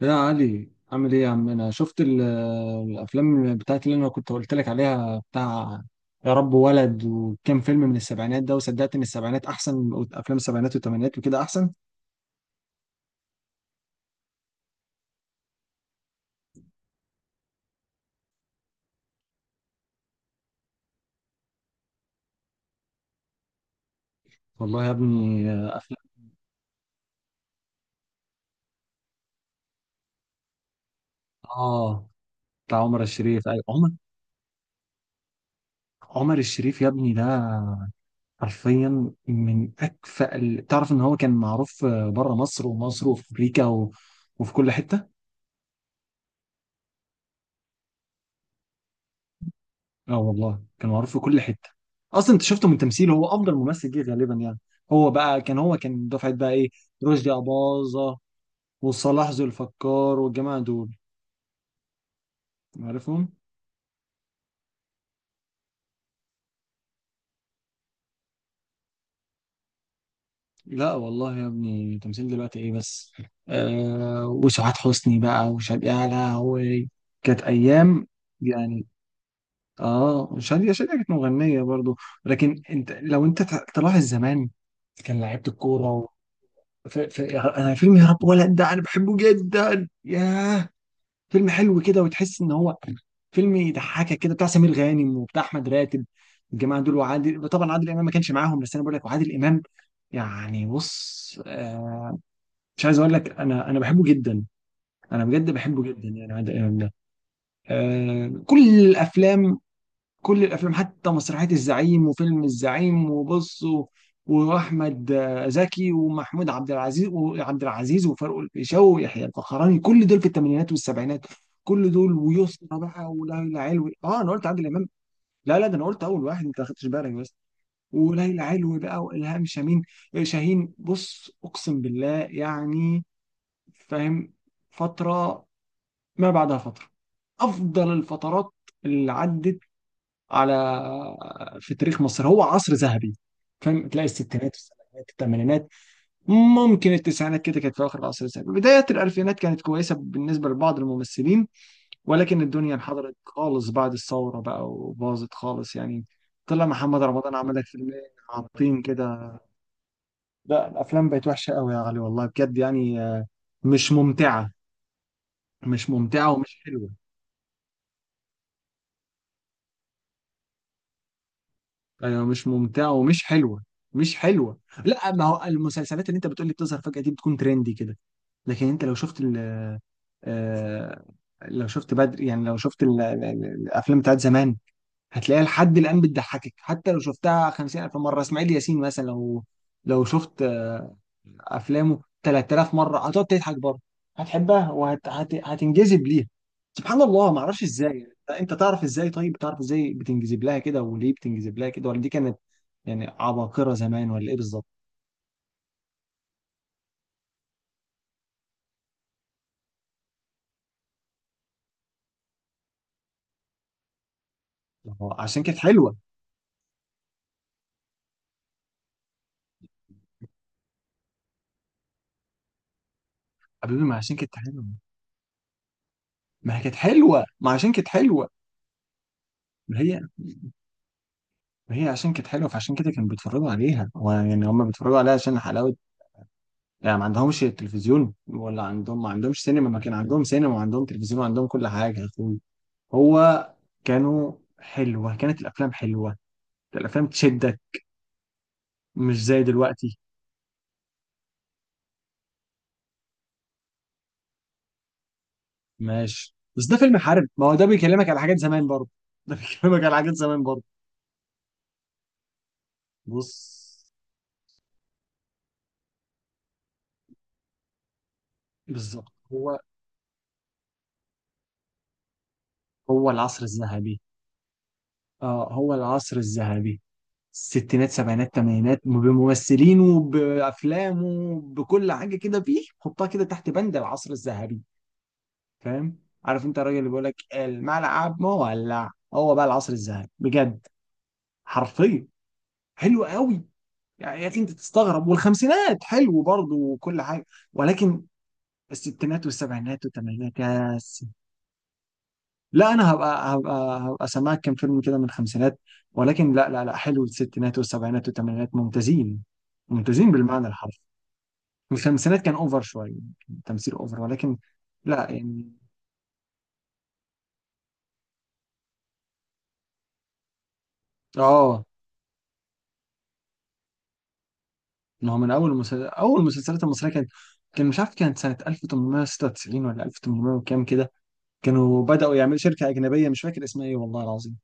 يا علي، عامل ايه يا عم؟ انا شفت الافلام بتاعت اللي انا كنت قلت لك عليها، بتاع يا رب ولد، وكام فيلم من السبعينات ده، وصدقت ان السبعينات احسن من افلام السبعينات والثمانينات وكده احسن. والله يا ابني افلام، اه بتاع عمر الشريف، ايوه عمر. عمر الشريف يا ابني ده حرفيا من اكفأ ال... تعرف ان هو كان معروف بره مصر، ومصر، وفي امريكا و... وفي كل حتة. اه والله كان معروف في كل حته. اصلا انت شفته من تمثيله، هو افضل ممثل جه غالبا يعني. هو بقى كان، هو كان دفعه بقى ايه؟ رشدي اباظه وصلاح ذو الفقار والجماعه دول، عارفهم. لا والله يا ابني، تمثيل دلوقتي ايه بس؟ وسعاد حسني بقى وشادية اعلى، وكانت ايام يعني. اه شادية كانت مغنيه برضو. لكن انت لو انت تلاحظ زمان كان لعيبه الكوره. في انا فيلم يا رب ولد ده انا بحبه جدا، ياه فيلم حلو كده، وتحس ان هو فيلم يضحكك كده، بتاع سمير غانم وبتاع احمد راتب الجماعه دول، وعادل طبعا، عادل امام ما كانش معاهم، بس انا بقول لك وعادل امام يعني. بص مش عايز اقول لك، انا بحبه جدا، انا بجد بحبه جدا يعني عادل امام ده. كل الافلام، كل الافلام، حتى مسرحيه الزعيم وفيلم الزعيم، وبص واحمد زكي، ومحمود عبد العزيز، وعبد العزيز، وفاروق الفيشاوي، ويحيى الفخراني، كل دول في الثمانينات والسبعينات. كل دول ويسرا بقى وليلى علوي، اه انا قلت عادل امام. لا لا، ده انا قلت اول واحد، انت ما خدتش بالك بس. وليلى علوي بقى والهام شاهين. شاهين. بص اقسم بالله يعني، فاهم، فتره ما بعدها فتره، افضل الفترات اللي عدت على، في تاريخ مصر، هو عصر ذهبي. فاهم، تلاقي الستينات، السبعينات، الثمانينات، ممكن التسعينات كده كانت في اخر العصر الذهبي. بداية الالفينات كانت كويسة بالنسبة لبعض الممثلين، ولكن الدنيا انحدرت خالص بعد الثورة بقى، وباظت خالص يعني. طلع محمد رمضان عمل لك فيلمين عابطين كده. لا الافلام بقت وحشة قوي يا علي، والله بجد يعني، مش ممتعة، مش ممتعة ومش حلوة. ايوه مش ممتعه ومش حلوه، مش حلوه. لا ما هو المسلسلات اللي انت بتقولي بتظهر فجأة دي بتكون ترندي كده. لكن انت لو شفت ال، آه، لو شفت بدر، يعني لو شفت الافلام بتاعت زمان، هتلاقيها لحد الان بتضحكك حتى لو شفتها 50000 مره. اسماعيل ياسين مثلا، لو شفت افلامه 3000 مره هتقعد تضحك برضه، هتحبها وهتنجذب ليها. سبحان الله، ما اعرفش ازاي. انت تعرف ازاي طيب؟ تعرف ازاي بتنجذب لها كده، وليه بتنجذب لها كده؟ ولا دي كانت يعني عباقرة زمان ولا ايه بالظبط؟ هو عشان كانت حلوة. حبيبي ما عشان كانت حلوة، ما هي كانت حلوة، ما عشان كانت حلوة. ما هي ما هي عشان كانت حلوة فعشان كده كانوا بيتفرجوا عليها، هو يعني هم بيتفرجوا عليها عشان حلاوة يعني. ما عندهمش تلفزيون ولا عندهم، ما عندهمش سينما؟ ما كان عندهم سينما وعندهم تلفزيون وعندهم كل حاجة يا اخوي. هو كانوا حلوة، كانت الأفلام حلوة، الأفلام تشدك، مش زي دلوقتي. ماشي، بس ده فيلم حرب، ما هو ده بيكلمك على حاجات زمان برضه. ده بيكلمك على حاجات زمان برضه. بص بالظبط، هو هو العصر الذهبي. اه هو العصر الذهبي، الستينات، سبعينات، تمانينات، بممثلينه بافلامه بكل حاجه كده، فيه حطها كده تحت بند العصر الذهبي. فاهم؟ عارف انت الراجل اللي بيقول لك الملعب مولع؟ هو بقى العصر الذهبي بجد، حرفيا، حلو قوي. يعني يا اخي انت تستغرب، والخمسينات حلو برضه وكل حاجه، ولكن الستينات والسبعينات والثمانينات يا. لا انا هبقى سامعك كام فيلم كده من الخمسينات، ولكن لا حلو، الستينات والسبعينات والثمانينات ممتازين، ممتازين بالمعنى الحرفي. الخمسينات كان اوفر شويه، كان تمثيل اوفر ولكن، لا يعني. اه ما هو من اول مسلسل، اول المسلسلات المصريه كانت، كان مش عارف، كانت سنه 1896 ولا 1800 وكام كده. كانوا بداوا يعملوا شركه اجنبيه مش فاكر اسمها ايه، والله العظيم.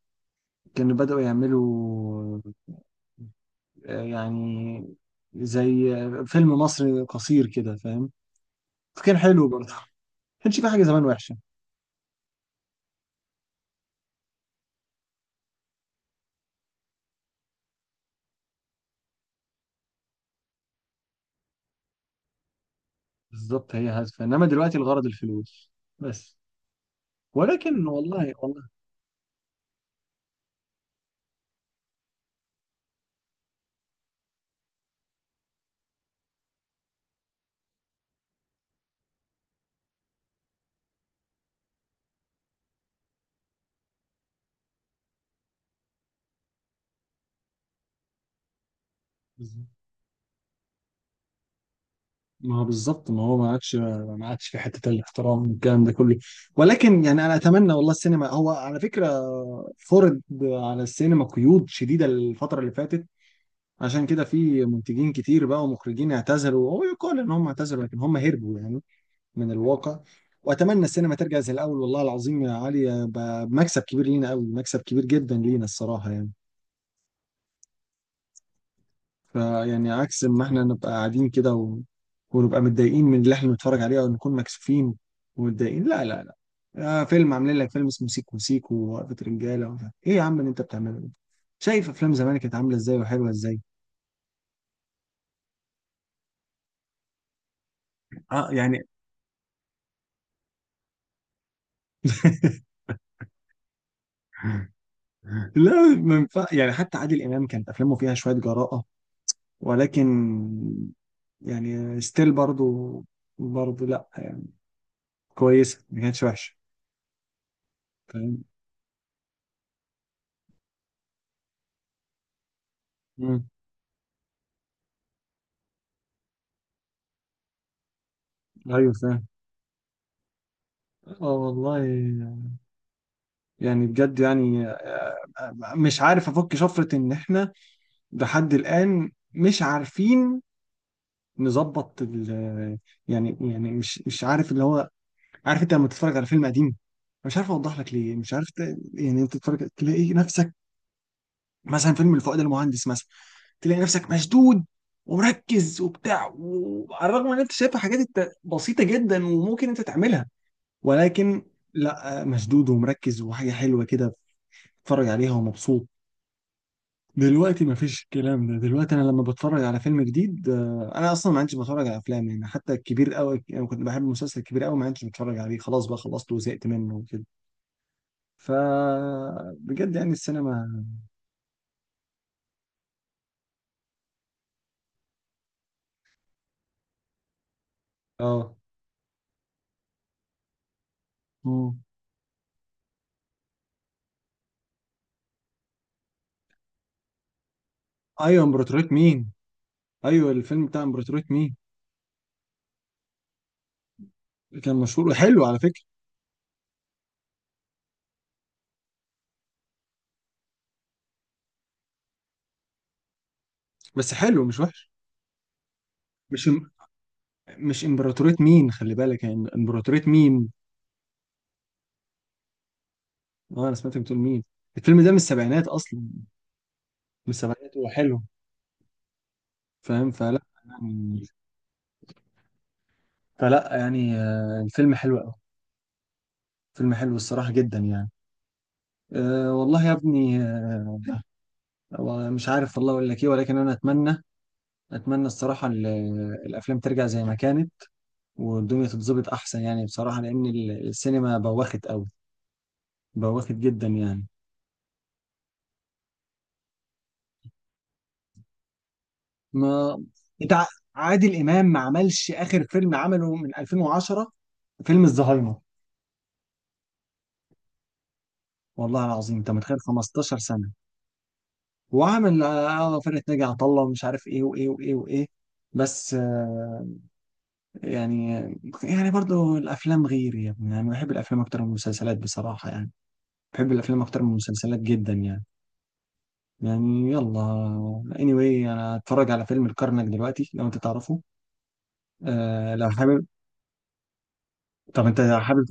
كانوا بداوا يعملوا يعني زي فيلم مصري قصير كده، فاهم؟ فكان حلو برضه، ما كانش في حاجه زمان وحشه. بالظبط، هي هادفه، انما دلوقتي الغرض الفلوس بس. ولكن والله والله. بالظبط. ما هو بالظبط، ما هو ما عادش في حته الاحترام والكلام ده كله. ولكن يعني انا اتمنى، والله السينما هو على فكره، فرض على السينما قيود شديده الفتره اللي فاتت، عشان كده في منتجين كتير بقى ومخرجين اعتزلوا. هو يقال ان هم اعتزلوا لكن هم هربوا يعني من الواقع. واتمنى السينما ترجع زي الاول، والله العظيم يا علي مكسب كبير لينا قوي، مكسب كبير جدا لينا الصراحه يعني. فيعني عكس ما احنا نبقى قاعدين كده و... ونبقى متضايقين من اللي احنا بنتفرج عليه، او نكون مكسوفين ومتضايقين. لا، آه فيلم، عاملين لك فيلم اسمه سيكو سيكو، ووقفة رجاله، ومش ايه يا عم اللي انت بتعمله ده؟ شايف افلام زمان كانت عامله ازاي وحلوه ازاي؟ اه يعني لا ما ينفع يعني. حتى عادل امام كانت افلامه فيها شويه جراءه ولكن يعني ستيل برضو، برضو لا يعني كويسة، ما كانتش وحشة. فاهم؟ مم. ايوه فاهم. اه والله. يعني بجد يعني مش عارف افك شفرة ان احنا لحد الان مش عارفين نظبط ال، يعني مش عارف اللي هو، عارف انت لما تتفرج على فيلم قديم، مش عارف اوضح لك ليه، مش عارف يعني. انت تتفرج تلاقي نفسك، مثلا فيلم الفؤاد المهندس مثلا، تلاقي نفسك مشدود ومركز وبتاع، وعلى الرغم ان انت شايف حاجات انت بسيطه جدا وممكن انت تعملها، ولكن لا، مشدود ومركز وحاجه حلوه كده، بتتفرج عليها ومبسوط. دلوقتي مفيش الكلام ده، دلوقتي انا لما بتفرج على فيلم جديد انا اصلا ما عنديش بتفرج على افلام يعني. حتى الكبير قوي يعني، كنت بحب مسلسل كبير قوي، ما عنديش بتفرج عليه، خلاص بقى خلصته وزهقت منه وكده. ف بجد يعني السينما، اه. مم. ايوه امبراطورية مين. ايوه الفيلم بتاع امبراطورية مين، كان مشهور وحلو على فكرة. بس حلو مش وحش. مش مش امبراطورية مين، خلي بالك، يعني امبراطورية مين. اه انا سمعتك بتقول مين. الفيلم ده من السبعينات اصلا، من السبعينات. هو حلو، فاهم؟ يعني فلا يعني الفيلم حلو قوي، فيلم حلو الصراحة جدا يعني. أه والله يا ابني هو مش عارف والله اقول لك ايه، ولكن انا اتمنى، اتمنى الصراحة ال- الافلام ترجع زي ما كانت، والدنيا تتظبط احسن يعني بصراحة، لان ال- السينما بوخت قوي، بواخد جدا يعني. ما انت عادل امام ما عملش اخر فيلم عمله من 2010، فيلم الزهايمر. والله العظيم انت متخيل 15 سنه؟ وعمل فرقه ناجي عطا الله ومش عارف ايه وايه وايه وايه، بس يعني. يعني برضو الافلام غير يا ابني يعني، بحب الافلام اكتر من المسلسلات بصراحه يعني، بحب الافلام اكتر من المسلسلات جدا يعني. يعني يلا، anyway انا هتفرج على فيلم الكرنك دلوقتي لو انت تعرفه، آه لو حابب. طب انت حابب؟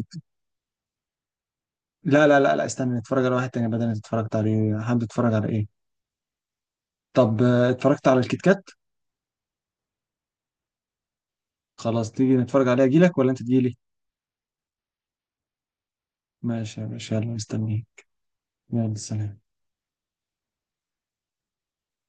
لا استنى، نتفرج على واحد تاني بدل اللي اتفرجت عليه. حابب تتفرج على ايه؟ طب اتفرجت على الكيت كات؟ خلاص تيجي نتفرج عليه، اجيلك ولا انت تجيلي؟ ماشي يا باشا، يلا مستنيك. يلا سلام.